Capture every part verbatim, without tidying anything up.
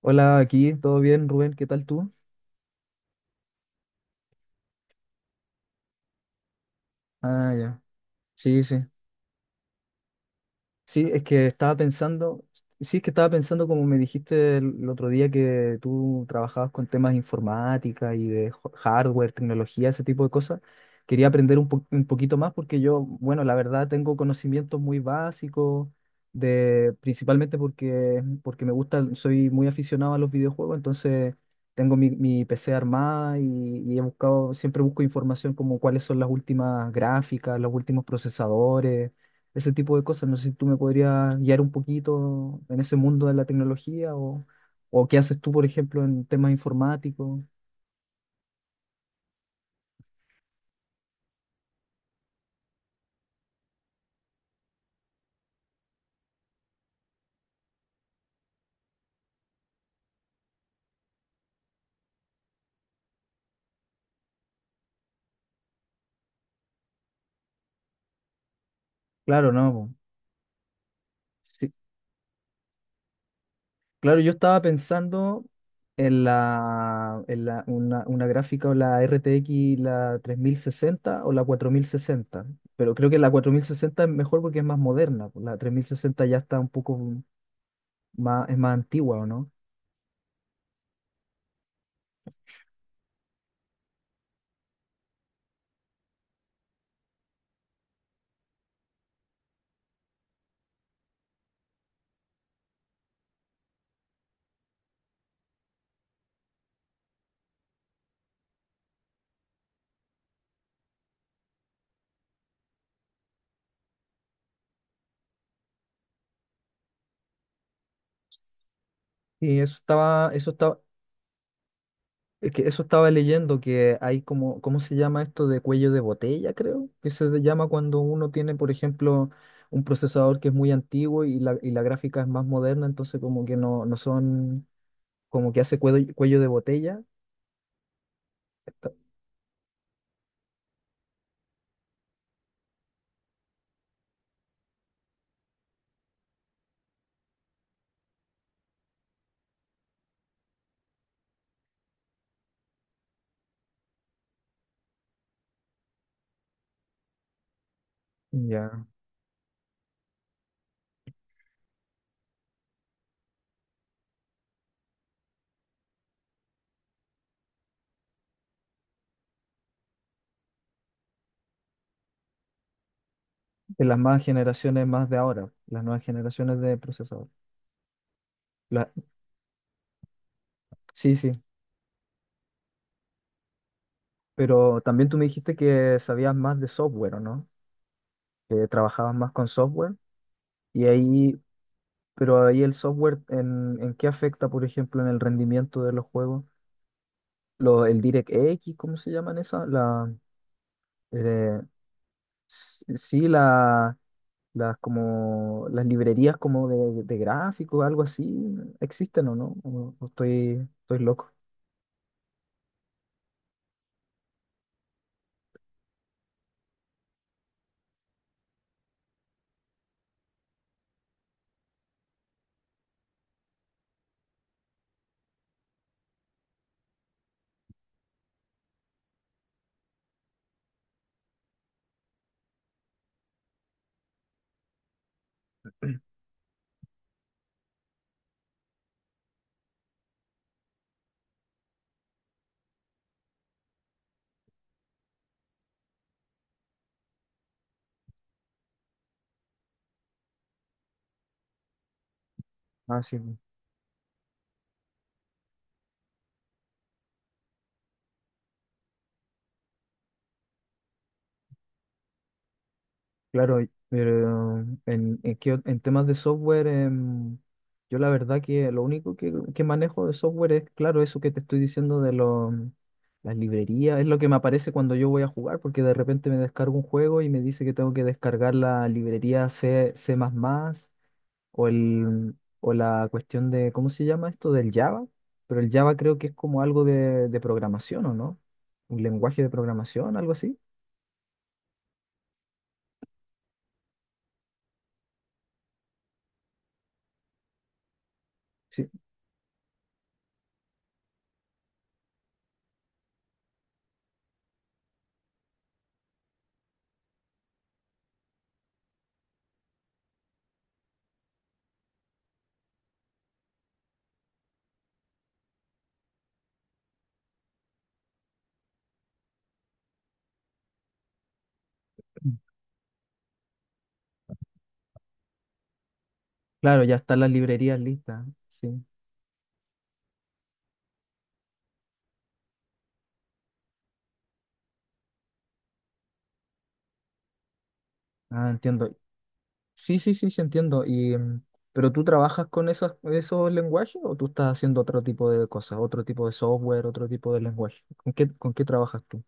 Hola, aquí, ¿todo bien, Rubén? ¿Qué tal tú? Ah, ya. Sí, sí. Sí, es que estaba pensando, sí, es que estaba pensando como me dijiste el, el otro día que tú trabajabas con temas de informática y de ho- hardware, tecnología, ese tipo de cosas. Quería aprender un, po- un poquito más porque yo, bueno, la verdad tengo conocimientos muy básicos de, principalmente porque, porque me gusta, soy muy aficionado a los videojuegos. Entonces tengo mi, mi P C armada y, y he buscado, siempre busco información como cuáles son las últimas gráficas, los últimos procesadores, ese tipo de cosas. No sé si tú me podrías guiar un poquito en ese mundo de la tecnología, o, o qué haces tú, por ejemplo, en temas informáticos. Claro, no, po. Sí. Claro, yo estaba pensando en la, en la una, una gráfica, o la R T X, la tres mil sesenta o la cuatro mil sesenta, pero creo que la cuatro mil sesenta es mejor porque es más moderna. Po. La tres mil sesenta ya está un poco más, es más antigua, ¿o no? Y eso estaba, eso estaba, Es que eso estaba leyendo que hay, como, ¿cómo se llama esto de cuello de botella, creo? Que se le llama cuando uno tiene, por ejemplo, un procesador que es muy antiguo y la, y la gráfica es más moderna. Entonces como que no, no son, como que hace cuello, cuello de botella. Está- ya. En las más generaciones más de ahora, las nuevas generaciones de procesador. La- sí, sí. Pero también tú me dijiste que sabías más de software, ¿o no? Que trabajabas más con software. Y ahí Pero ahí el software, ¿en, en qué afecta, por ejemplo, en el rendimiento de los juegos? Lo, el DirectX, ¿cómo se llaman esas? La, eh, s- sí, la, las, como, las librerías como de, de gráficos, algo así, ¿existen o no? ¿O- o estoy, estoy loco? Ah, sí. Claro, y- pero en, en, qué en temas de software, em, yo la verdad que lo único que, que manejo de software es, claro, eso que te estoy diciendo de lo mm, las librerías, es lo que me aparece cuando yo voy a jugar, porque de repente me descargo un juego y me dice que tengo que descargar la librería C, C++ o, el, o la cuestión de, ¿cómo se llama esto? Del Java, pero el Java creo que es como algo de, de programación, ¿o no? Un lenguaje de programación, algo así. Sí. Claro, ya están las librerías listas. Sí. Ah, entiendo. Sí, sí, sí, sí, entiendo. Y, mm, ¿pero tú trabajas con esos, esos lenguajes o tú estás haciendo otro tipo de cosas, otro tipo de software, otro tipo de lenguaje? ¿Con qué, con qué trabajas tú?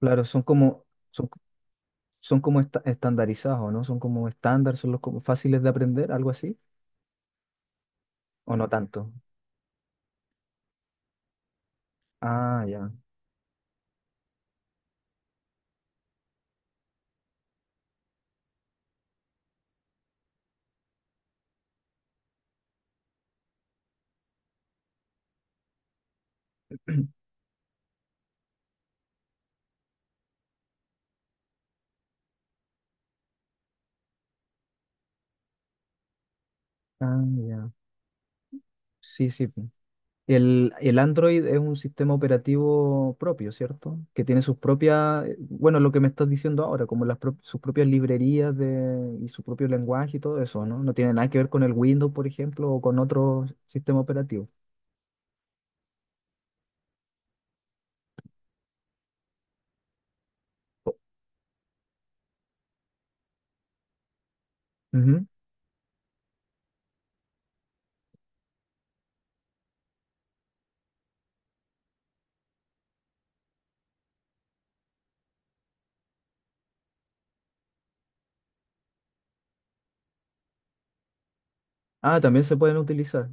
Claro, son como, son, son como esta- estandarizados, ¿no? Son como estándar, son los como fáciles de aprender, algo así, o no tanto. Ah, ya. Ah, ya. Sí, sí. El, el Android es un sistema operativo propio, ¿cierto? Que tiene sus propias, eh, bueno, lo que me estás diciendo ahora, como las prop- sus propias librerías de, y su propio lenguaje y todo eso, ¿no? No tiene nada que ver con el Windows, por ejemplo, o con otro sistema operativo. Ujú. Ah, también se pueden utilizar.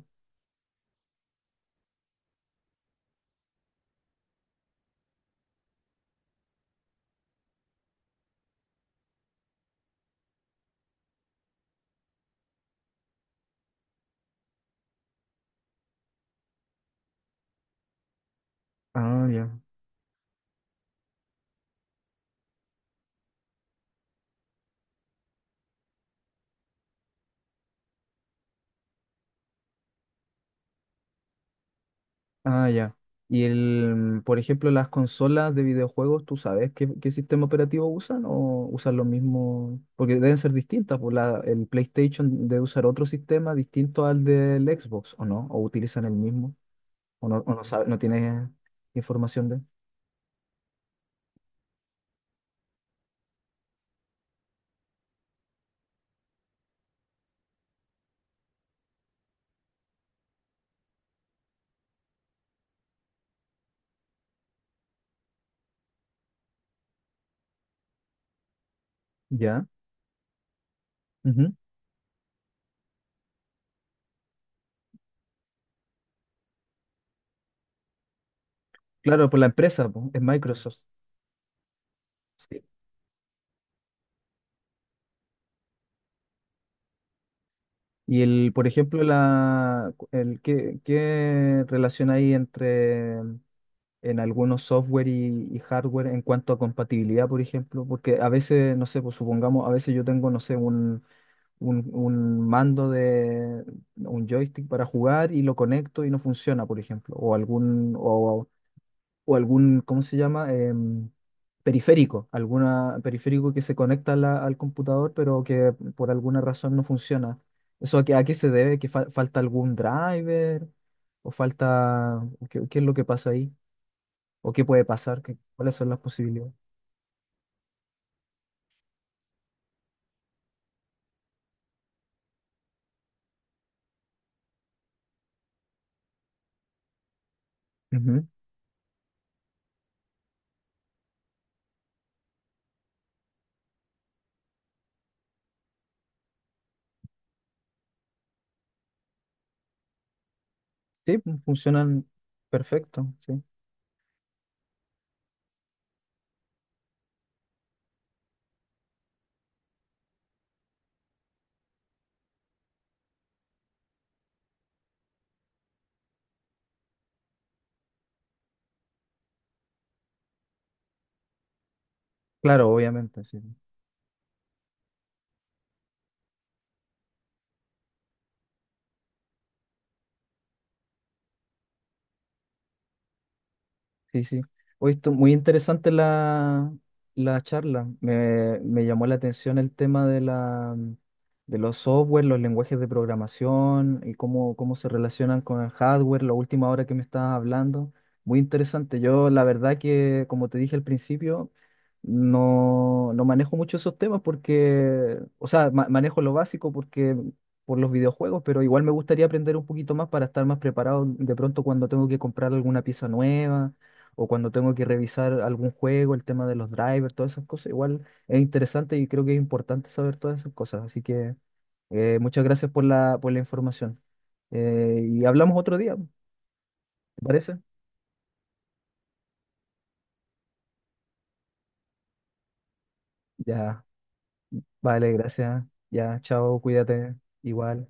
Ah, ya. Ah, ya. Y el, por ejemplo, las consolas de videojuegos, ¿tú sabes qué, qué sistema operativo usan o usan lo mismo? Porque deben ser distintas, pues la, el PlayStation debe usar otro sistema distinto al del Xbox, ¿o no? ¿O utilizan el mismo? ¿O no, o no sabe- ¿No tienes información de? Ya. Ujú. Claro, por la empresa, pues, es Microsoft. Sí. Y el, por ejemplo, la, el, ¿qué, qué relación hay entre en algunos software y, y hardware en cuanto a compatibilidad, por ejemplo, porque a veces, no sé, pues supongamos, a veces yo tengo, no sé, un, un, un mando de un joystick para jugar y lo conecto y no funciona, por ejemplo, o algún, o, o algún, ¿cómo se llama? Em, periférico, alguna periférico que se conecta a la- al computador, pero que por alguna razón no funciona. ¿Eso a qué, a qué se debe? ¿Que fal- falta algún driver? ¿O falta? ¿Qué, qué es lo que pasa ahí? O qué puede pasar, qué- cuáles son las posibilidades. Ujú. Sí, pues, funcionan perfecto, sí. Claro, obviamente, sí. Sí, sí. Hoy estu- muy interesante la, la charla. Me, me llamó la atención el tema de la, de los software, los lenguajes de programación y cómo, cómo se relacionan con el hardware, la última hora que me estabas hablando. Muy interesante. Yo, la verdad que, como te dije al principio, no, no manejo mucho esos temas porque, o sea, ma- manejo lo básico porque por los videojuegos, pero igual me gustaría aprender un poquito más para estar más preparado de pronto cuando tengo que comprar alguna pieza nueva o cuando tengo que revisar algún juego, el tema de los drivers, todas esas cosas, igual es interesante y creo que es importante saber todas esas cosas. Así que eh, muchas gracias por la, por la información. Eh, y hablamos otro día, ¿te parece? Ya, vale, gracias. Ya, chao, cuídate, igual.